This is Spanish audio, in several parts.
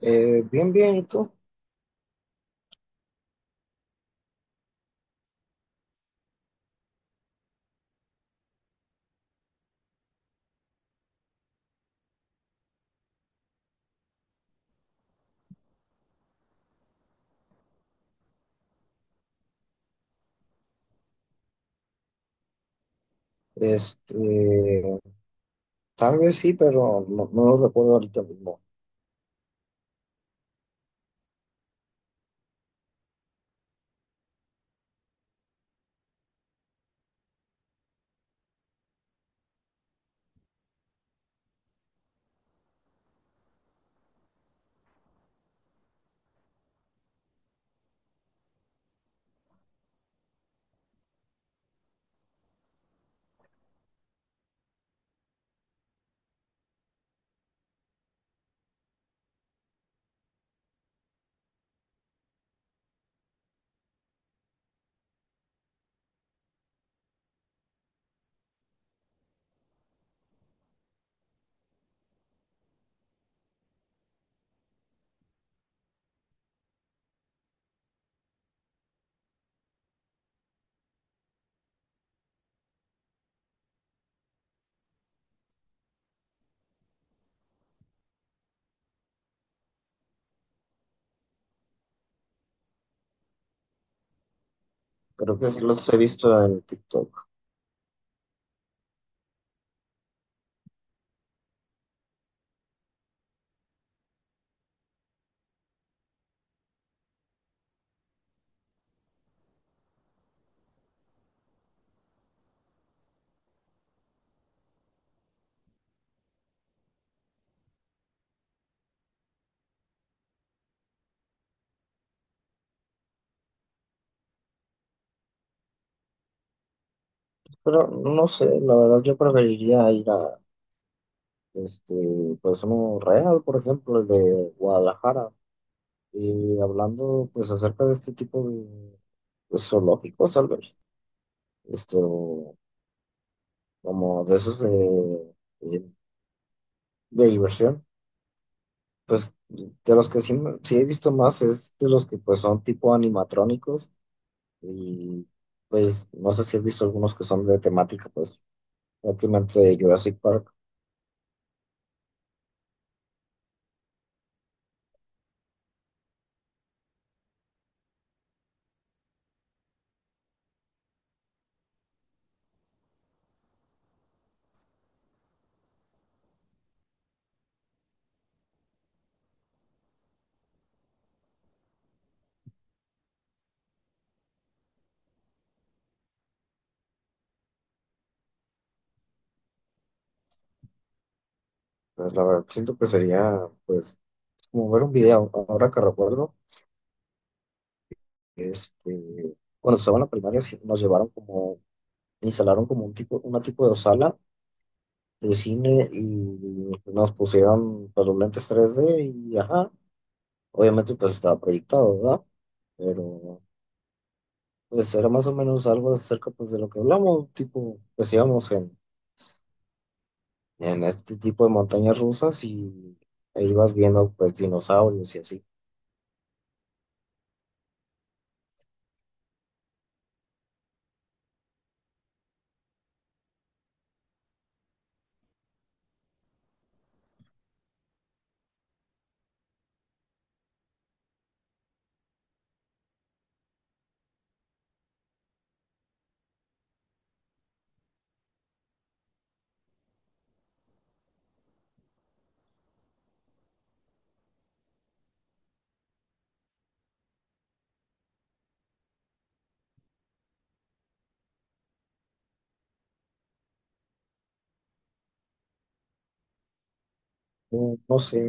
Bien, bien, ¿y tú? Este, tal vez sí, pero no, no lo recuerdo ahorita mismo. Creo que sí los he visto en TikTok. Pero no sé, la verdad yo preferiría ir a, este, pues un real, por ejemplo, el de Guadalajara. Y hablando, pues, acerca de este tipo de pues, zoológicos, tal vez, o como de esos de, de, de diversión, pues, de los que sí, sí he visto más es de los que, pues, son tipo animatrónicos. Y pues no sé si has visto algunos que son de temática, pues prácticamente de Jurassic Park. Pues la verdad siento que sería, pues, como ver un video. Ahora que recuerdo, este, cuando estaba en la primaria sí, nos llevaron como, instalaron como un tipo, una tipo de sala de cine y nos pusieron pues, los lentes 3D y ajá, obviamente pues estaba proyectado, ¿verdad? Pero pues era más o menos algo acerca pues de lo que hablamos, tipo, decíamos en este tipo de montañas rusas y ahí vas viendo pues dinosaurios y así. No, no sé,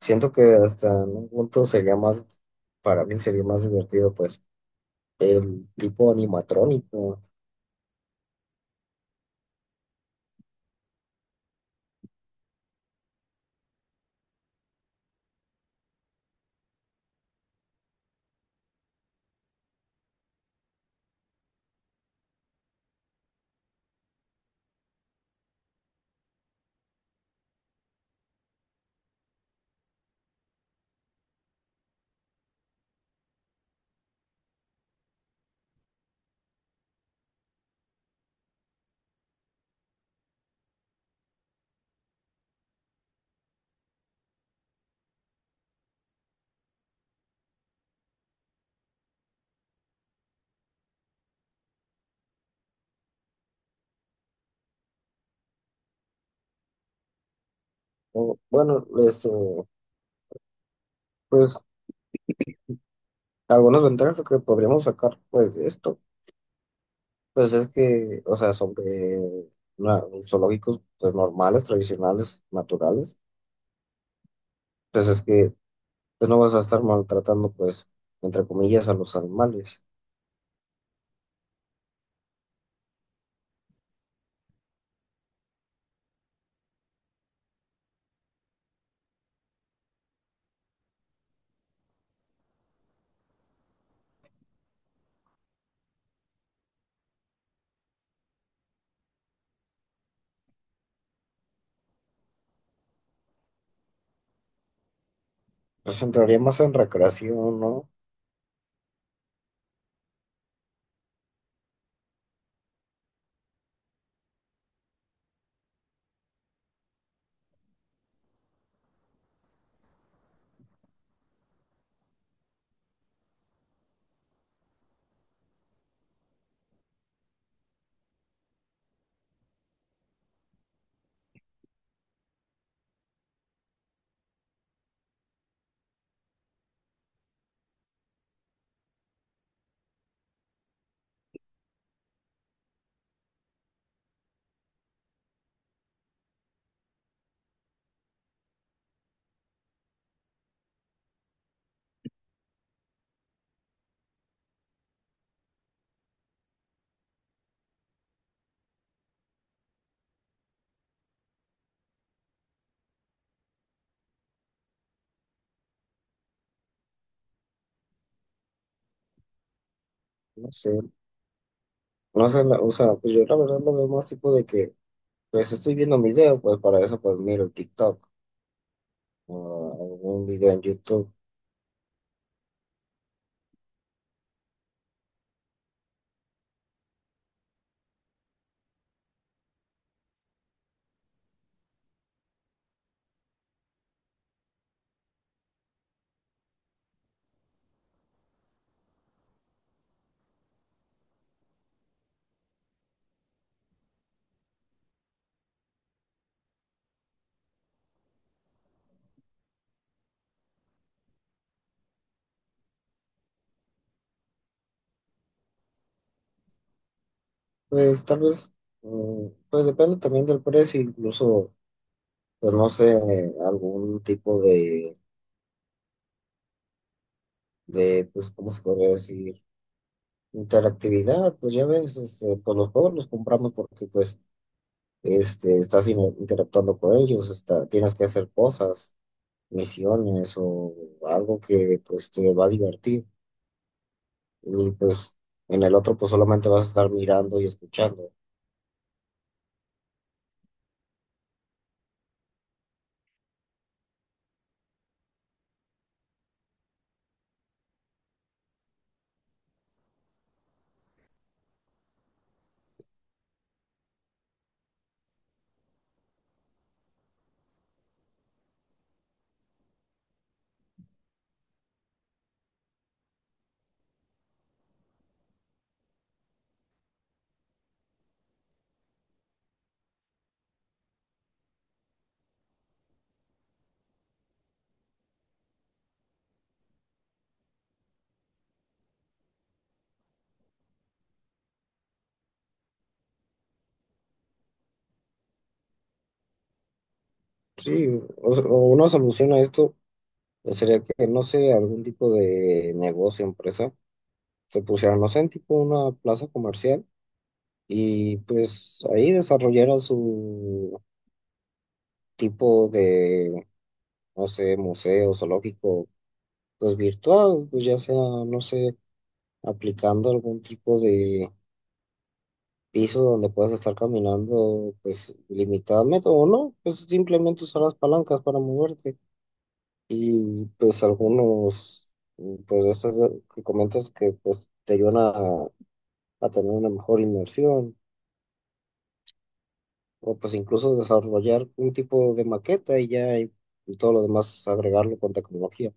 siento que hasta en un punto sería más, para mí sería más divertido pues el tipo animatrónico. O, bueno, pues algunas ventajas que podríamos sacar pues de esto, pues es que, o sea, sobre zoológicos pues normales, tradicionales, naturales, pues es que pues, no vas a estar maltratando pues entre comillas a los animales. Pues entraría más en recreación, ¿no? No sé, no sé, o sea, pues yo la verdad lo veo más tipo de que, pues estoy viendo un video, pues para eso pues miro TikTok o algún video en YouTube. Pues tal vez, pues depende también del precio, incluso, pues no sé, algún tipo de, pues, ¿cómo se podría decir? Interactividad, pues ya ves, pues los juegos los compramos porque pues, estás interactuando con ellos, está, tienes que hacer cosas. Misiones o algo que pues te va a divertir. Y pues en el otro pues solamente vas a estar mirando y escuchando. Sí, o, sea, o una solución a esto pues, sería que, no sé, algún tipo de negocio, empresa, se pusiera, no sé, en tipo una plaza comercial y pues ahí desarrollara su tipo de, no sé, museo, zoológico, pues virtual, pues ya sea, no sé, aplicando algún tipo de piso donde puedas estar caminando pues limitadamente o no, pues simplemente usar las palancas para moverte y pues algunos pues de estas que comentas que pues te ayudan a tener una mejor inmersión o pues incluso desarrollar un tipo de maqueta y ya y todo lo demás agregarlo con tecnología.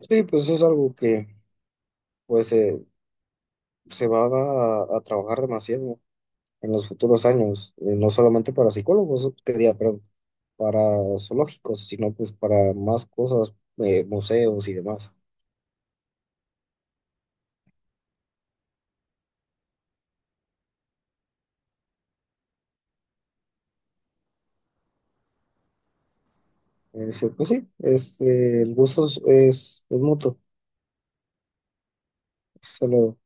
Sí, pues es algo que pues se va a trabajar demasiado en los futuros años, no solamente para psicólogos, que diga, perdón, para zoológicos, sino pues para más cosas, museos y demás. Sí, pues sí, el gusto es mutuo. Solo